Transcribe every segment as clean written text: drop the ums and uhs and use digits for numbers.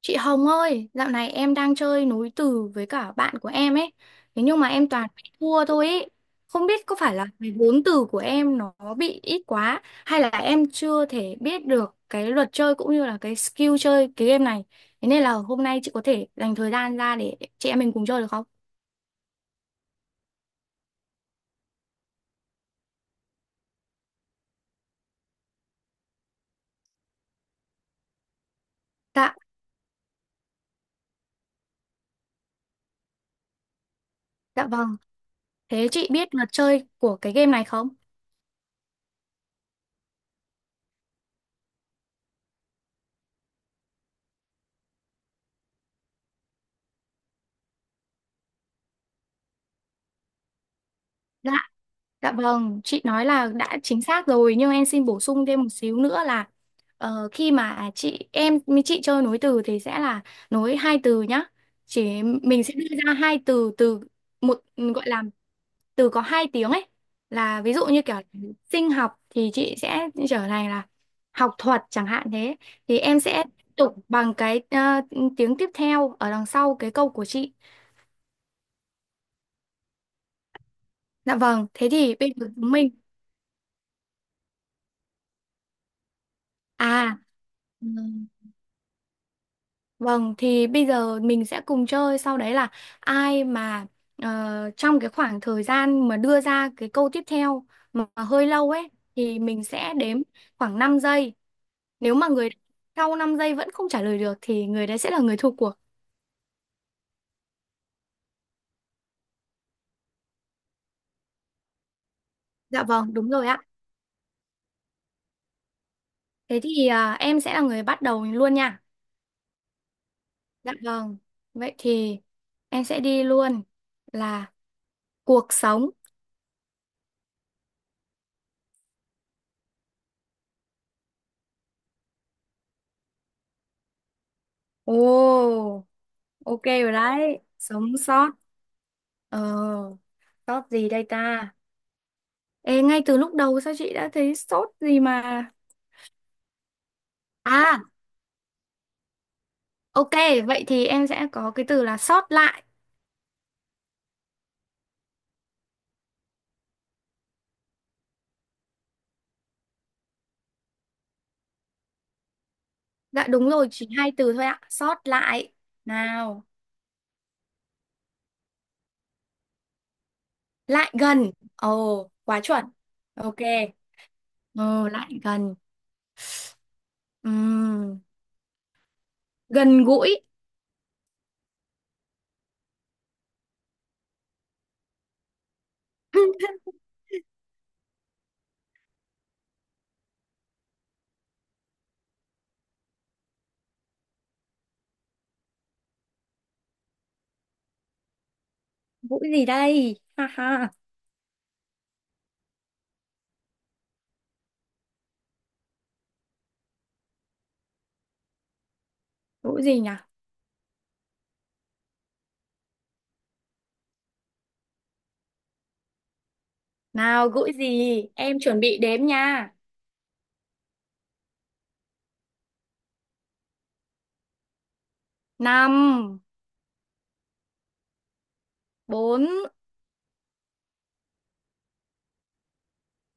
Chị Hồng ơi, dạo này em đang chơi nối từ với cả bạn của em ấy. Thế nhưng mà em toàn bị thua thôi ấy. Không biết có phải là cái vốn từ của em nó bị ít quá hay là em chưa thể biết được cái luật chơi cũng như là cái skill chơi cái game này. Thế nên là hôm nay chị có thể dành thời gian ra để chị em mình cùng chơi được không? Dạ, dạ vâng. Thế chị biết luật chơi của cái game này không? Dạ. Dạ vâng, chị nói là đã chính xác rồi nhưng em xin bổ sung thêm một xíu nữa là khi mà chị em với chị chơi nối từ thì sẽ là nối hai từ nhá. Chỉ mình sẽ đưa ra hai từ, từ một gọi là từ có hai tiếng ấy, là ví dụ như kiểu sinh học thì chị sẽ trở thành là học thuật chẳng hạn, thế thì em sẽ tiếp tục bằng cái tiếng tiếp theo ở đằng sau cái câu của chị. Dạ vâng, thế thì bây giờ chúng mình à. Vâng, thì bây giờ mình sẽ cùng chơi, sau đấy là ai mà ờ, trong cái khoảng thời gian mà đưa ra cái câu tiếp theo mà hơi lâu ấy thì mình sẽ đếm khoảng 5 giây. Nếu mà người sau 5 giây vẫn không trả lời được thì người đấy sẽ là người thua cuộc. Dạ vâng, đúng rồi ạ. Thế thì em sẽ là người bắt đầu luôn nha. Dạ vâng. Vậy thì em sẽ đi luôn là cuộc sống. Ồ, ok rồi đấy. Sống sót. Ờ. Sốt gì đây ta? Ê, ngay từ lúc đầu sao chị đã thấy sốt gì mà. À, ok, vậy thì em sẽ có cái từ là sót lại. Dạ đúng rồi, chỉ hai từ thôi ạ. Sót lại nào. Lại gần, ồ quá chuẩn. Ok. Ồ, lại gần. Ừm, gần gũi. Gũi gì đây, ha ha. Gũi gì nhỉ? Nào, gũi gì, em chuẩn bị đếm nha. Năm, bốn,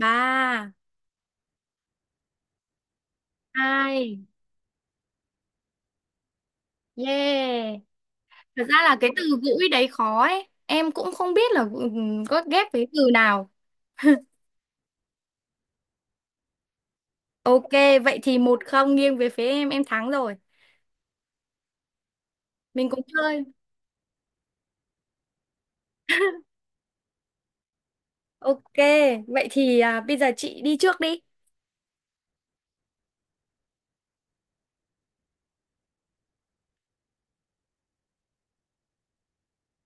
ba, hai. Yeah. Thật ra là cái từ gũi đấy khó ấy. Em cũng không biết là ừ, có ghép với từ nào. Ok, vậy thì 1-0 nghiêng về phía em thắng rồi. Mình cũng chơi. Ok, vậy thì bây giờ chị đi trước đi.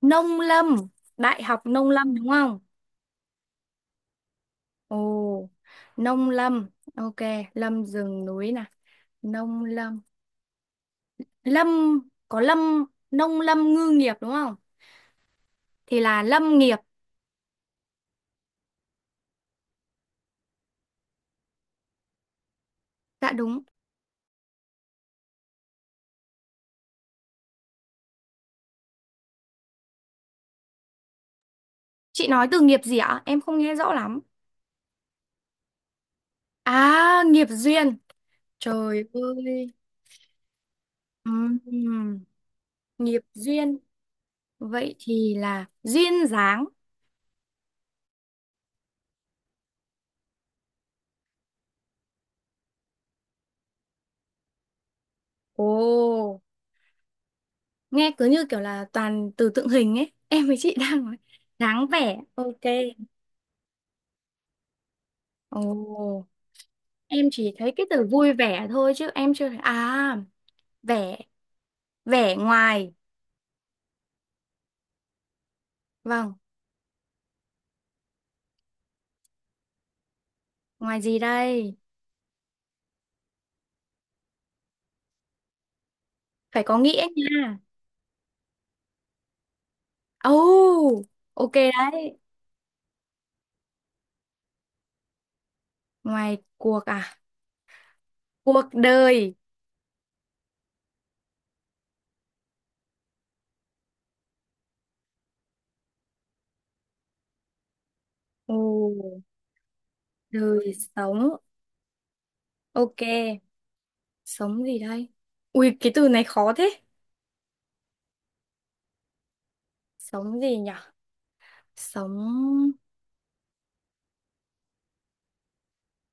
Nông lâm, Đại học Nông lâm đúng không? Ồ, Nông lâm. Ok, lâm rừng núi nè. Nông lâm. Lâm, có lâm, nông lâm ngư nghiệp đúng không? Thì là lâm nghiệp. Dạ đúng. Chị nói từ nghiệp gì ạ? Em không nghe rõ lắm. À, nghiệp duyên. Trời ơi, ừm, nghiệp duyên. Vậy thì là duyên dáng. Ồ, nghe cứ như kiểu là toàn từ tượng hình ấy. Em với chị đang nói dáng vẻ. Ok. Ồ, em chỉ thấy cái từ vui vẻ thôi chứ em chưa thấy. À, vẻ, vẻ ngoài. Vâng, ngoài gì đây? Phải có nghĩa nha. Ồ, ok đấy. Ngoài cuộc à? Cuộc đời. Ồ, đời sống. Ok. Sống gì đây? Ui, cái từ này khó thế. Sống gì nhở? Sống...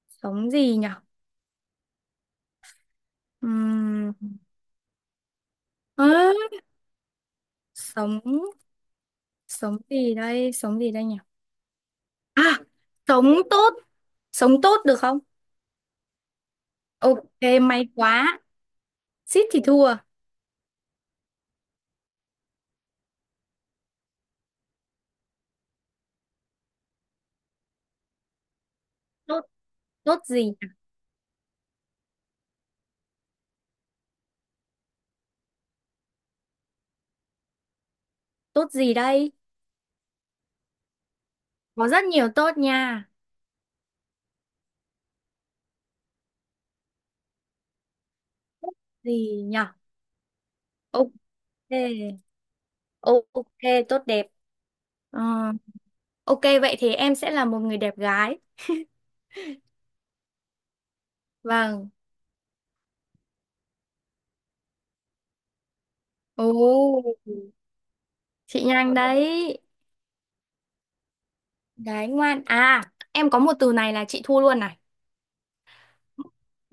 sống gì nhở? Ừm... ớ, sống... Sống gì đây? Sống gì đây nhở? À, sống tốt. Sống tốt được không? Ok, may quá. Xít thì thua. Tốt, tốt gì nhở? Tốt gì đây? Có rất nhiều tốt nha. Tốt gì nhở? Ok. Ok, tốt đẹp. Ờ, ok, vậy thì em sẽ là một người đẹp gái. Vâng. Ồ. Chị nhanh đấy. Đấy, ngoan. À, em có một từ này là chị thua luôn này.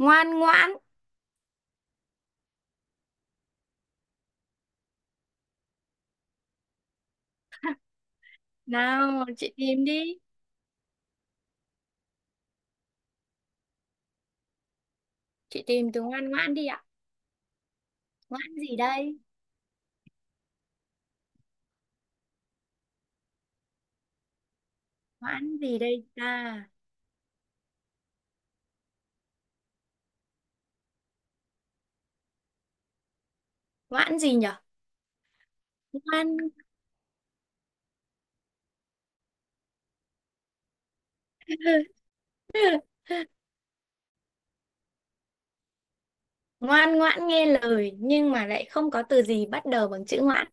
Ngoan ngoãn. Nào, chị tìm đi. Chị tìm từ ngoan ngoãn đi ạ. Ngoãn gì đây? Ngoãn gì đây ta? Ngoãn gì nhở? Ngoan ngoan ngoãn nghe lời nhưng mà lại không có từ gì bắt đầu bằng chữ ngoãn.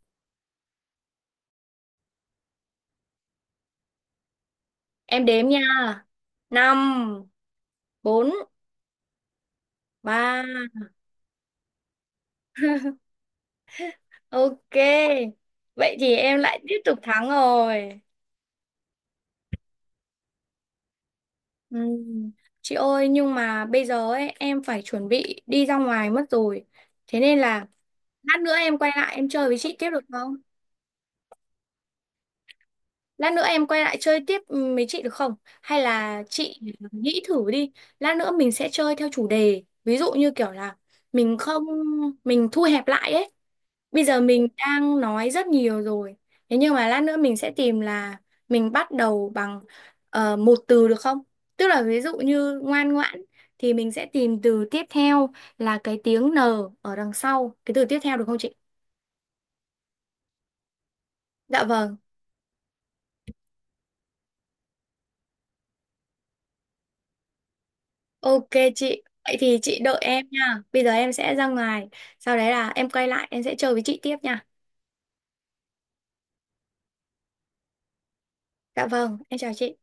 Em đếm nha. Năm, bốn, ba. Ok. Vậy thì em lại tiếp tục thắng rồi. Ừ. Chị ơi, nhưng mà bây giờ ấy em phải chuẩn bị đi ra ngoài mất rồi. Thế nên là lát nữa em quay lại em chơi với chị tiếp được không? Lát nữa em quay lại chơi tiếp, ừ, với chị được không? Hay là chị nghĩ thử đi. Lát nữa mình sẽ chơi theo chủ đề. Ví dụ như kiểu là mình không mình thu hẹp lại ấy. Bây giờ mình đang nói rất nhiều rồi. Thế nhưng mà lát nữa mình sẽ tìm là mình bắt đầu bằng một từ được không? Tức là ví dụ như ngoan ngoãn thì mình sẽ tìm từ tiếp theo là cái tiếng N ở đằng sau. Cái từ tiếp theo được không chị? Dạ vâng. Ok chị. Vậy thì chị đợi em nha. Bây giờ em sẽ ra ngoài. Sau đấy là em quay lại em sẽ chơi với chị tiếp nha. Dạ vâng. Em chào chị.